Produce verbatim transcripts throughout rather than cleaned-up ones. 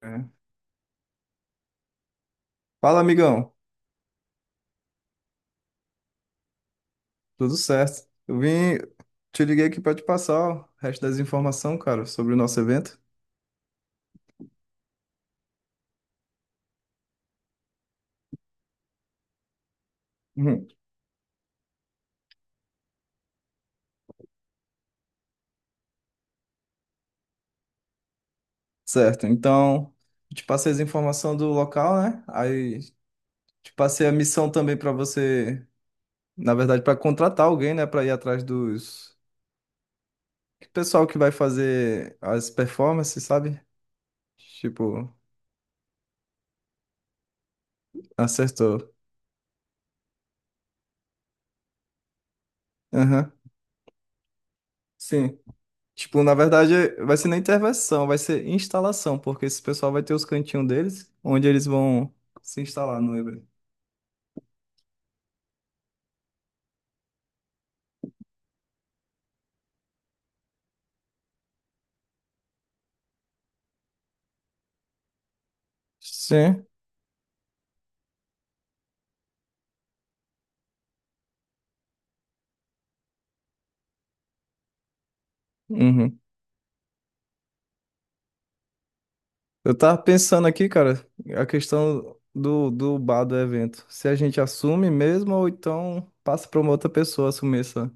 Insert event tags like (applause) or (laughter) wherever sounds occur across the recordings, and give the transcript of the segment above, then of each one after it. É. Fala, amigão. Tudo certo? Eu vim, te liguei aqui para te passar o resto das informações, cara, sobre o nosso evento. Uhum. Certo, então, eu te passei as informações do local, né? Aí te passei a missão também para você, na verdade, para contratar alguém, né, para ir atrás dos que pessoal que vai fazer as performances, sabe? Tipo, acertou. Aham. Sim. Tipo, na verdade, vai ser nem intervenção, vai ser instalação, porque esse pessoal vai ter os cantinhos deles, onde eles vão se instalar no evento. Sim. Uhum. Eu tava pensando aqui, cara, a questão do, do bar do evento. Se a gente assume mesmo, ou então passa pra uma outra pessoa assumir essa.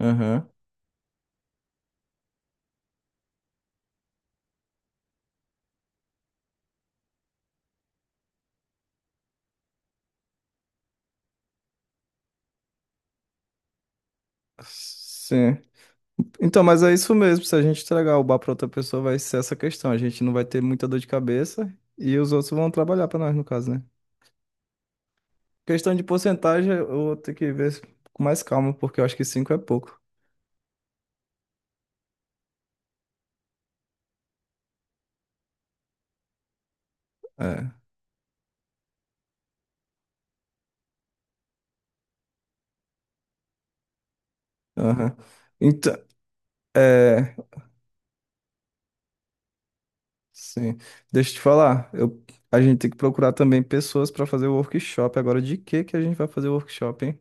Aham. Sim. Então, mas é isso mesmo. Se a gente entregar o bar para outra pessoa, vai ser essa questão. A gente não vai ter muita dor de cabeça e os outros vão trabalhar para nós, no caso, né? Questão de porcentagem, eu vou ter que ver com mais calma, porque eu acho que cinco é pouco. É. Aham. Então, é. Sim. Deixa eu te falar. Eu, a gente tem que procurar também pessoas para fazer o workshop. Agora, de que que a gente vai fazer o workshop, hein?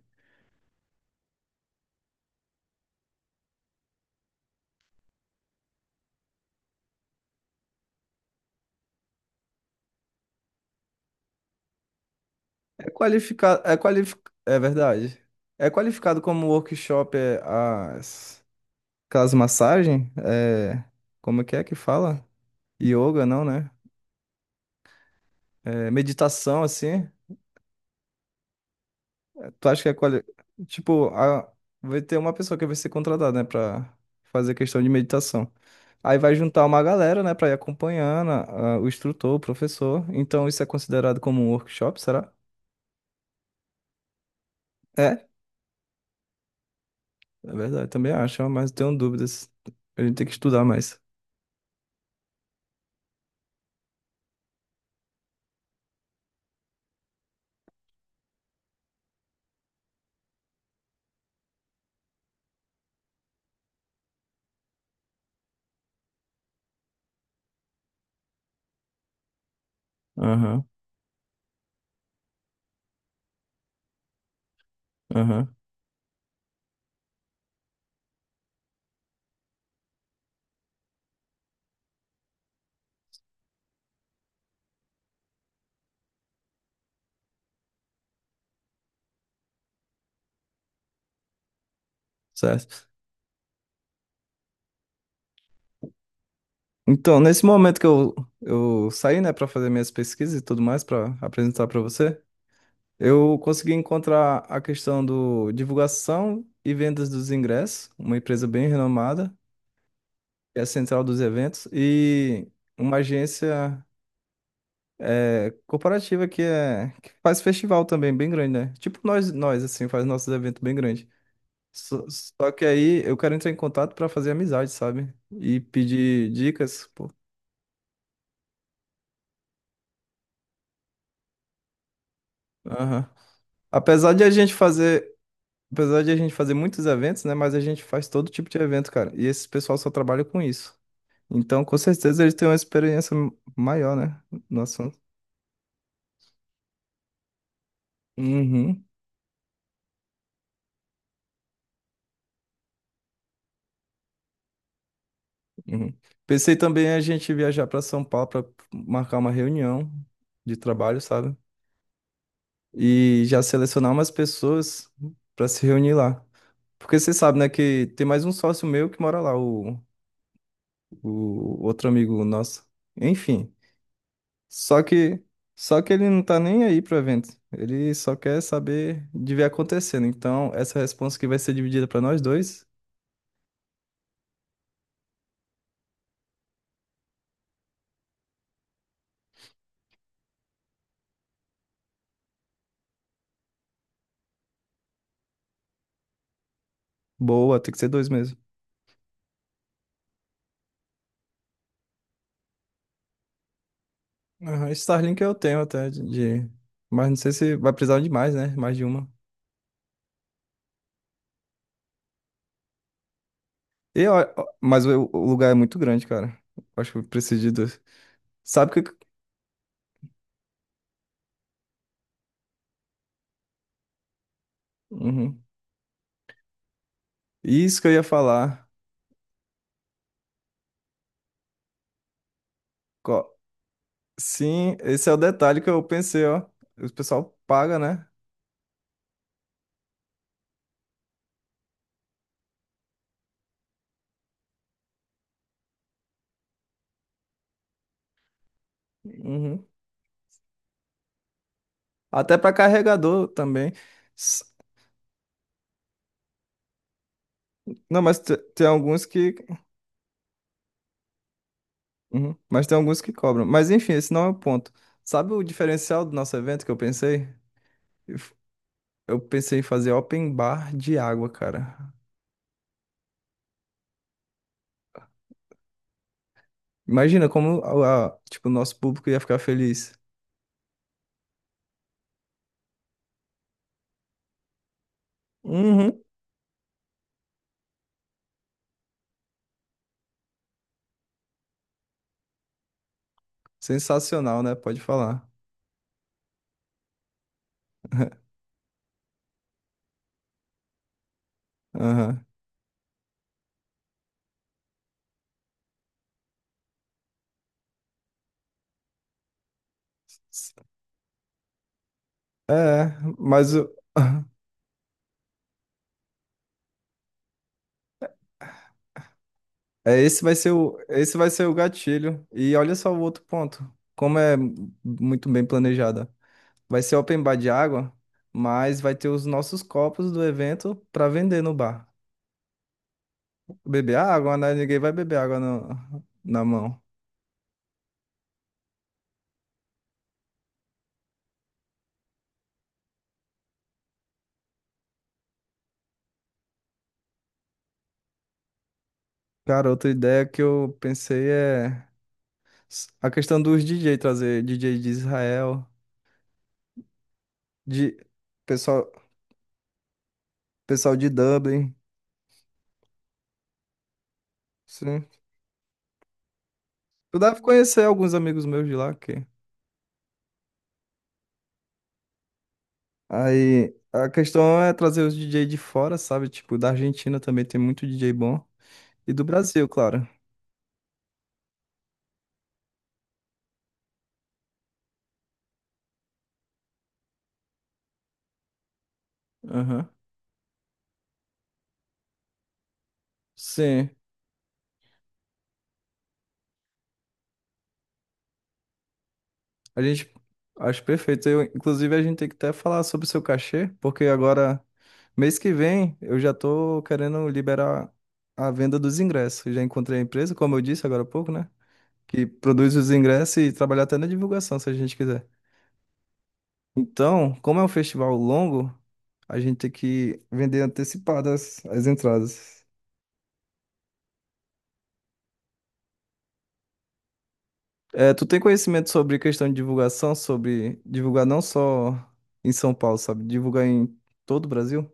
É qualificado. É qualificado. É verdade. É qualificado como workshop é, as. Aquelas massagens, é, como que é que fala? Yoga, não, né? É, meditação, assim. Tu acha que é quali... Tipo, a- vai ter uma pessoa que vai ser contratada, né, pra fazer questão de meditação. Aí vai juntar uma galera, né, pra ir acompanhando a- a- o instrutor, o professor. Então isso é considerado como um workshop, será? É, é verdade, também acho, mas tenho dúvidas. A gente tem que estudar mais. Aham, aham, certo. Então, nesse momento que eu, eu saí, né, para fazer minhas pesquisas e tudo mais, para apresentar para você, eu consegui encontrar a questão do divulgação e vendas dos ingressos, uma empresa bem renomada, que é a central dos eventos, e uma agência é, corporativa que, é, que faz festival também bem grande, né? Tipo nós, nós assim, faz nossos eventos bem grandes. Só, só que aí eu quero entrar em contato para fazer amizade, sabe? E pedir dicas, pô. Aham. Apesar de a gente fazer Apesar de a gente fazer muitos eventos, né? Mas a gente faz todo tipo de evento, cara. E esse pessoal só trabalha com isso. Então, com certeza, eles têm uma experiência maior, né? No assunto. Uhum, uhum. Pensei também a gente viajar para São Paulo para marcar uma reunião de trabalho, sabe? E já selecionar umas pessoas para se reunir lá. Porque você sabe, né, que tem mais um sócio meu que mora lá, o, o outro amigo nosso. Enfim. Só que, só que ele não tá nem aí pro evento. Ele só quer saber de ver acontecendo. Então, essa resposta que vai ser dividida pra nós dois, boa, tem que ser dois mesmo. Aham, Starlink eu tenho até de, de- mas não sei se vai precisar de mais, né? Mais de uma. E, ó, ó, mas o, o lugar é muito grande, cara. Acho que eu preciso de dois. Sabe que. Uhum. Isso que eu ia falar. Co- Sim, esse é o detalhe que eu pensei, ó. O pessoal paga, né? Uhum. Até pra carregador também. Não, mas te- tem alguns que. Uhum. Mas tem alguns que cobram. Mas enfim, esse não é o ponto. Sabe o diferencial do nosso evento que eu pensei? Eu f- eu pensei em fazer open bar de água, cara. Imagina como a, a- tipo, o nosso público ia ficar feliz. Uhum. Sensacional, né? Pode falar. (laughs) Aham. É, mas o... (laughs) é, esse vai ser o... esse vai ser o gatilho. E olha só o outro ponto. Como é muito bem planejada. Vai ser open bar de água, mas vai ter os nossos copos do evento pra vender no bar. Beber água, né? Ninguém vai beber água no- na mão. Cara, outra ideia que eu pensei é s- a questão dos D J, trazer D J de Israel, de pessoal, pessoal de Dublin. Sim. Tu deve conhecer alguns amigos meus de lá, que Aí a questão é trazer os D J de fora, sabe? Tipo, da Argentina também tem muito D J bom. E do Brasil, claro. Aham. Sim. A gente Acho perfeito. Eu, inclusive, a gente tem que até falar sobre o seu cachê, porque agora, mês que vem, eu já tô querendo liberar a venda dos ingressos. Eu já encontrei a empresa, como eu disse agora há pouco, né? Que produz os ingressos e trabalhar até na divulgação, se a gente quiser. Então, como é um festival longo, a gente tem que vender antecipadas as as entradas. É, tu tem conhecimento sobre questão de divulgação, sobre divulgar não só em São Paulo, sabe? Divulgar em todo o Brasil?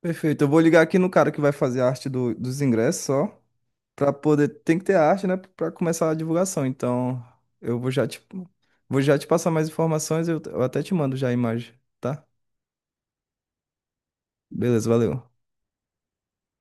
Perfeito. Eu vou ligar aqui no cara que vai fazer a arte do- dos ingressos só, para poder, tem que ter a arte, né, para começar a divulgação. Então, eu vou já te vou já te passar mais informações, eu, eu até te mando já a imagem, tá? Beleza, valeu.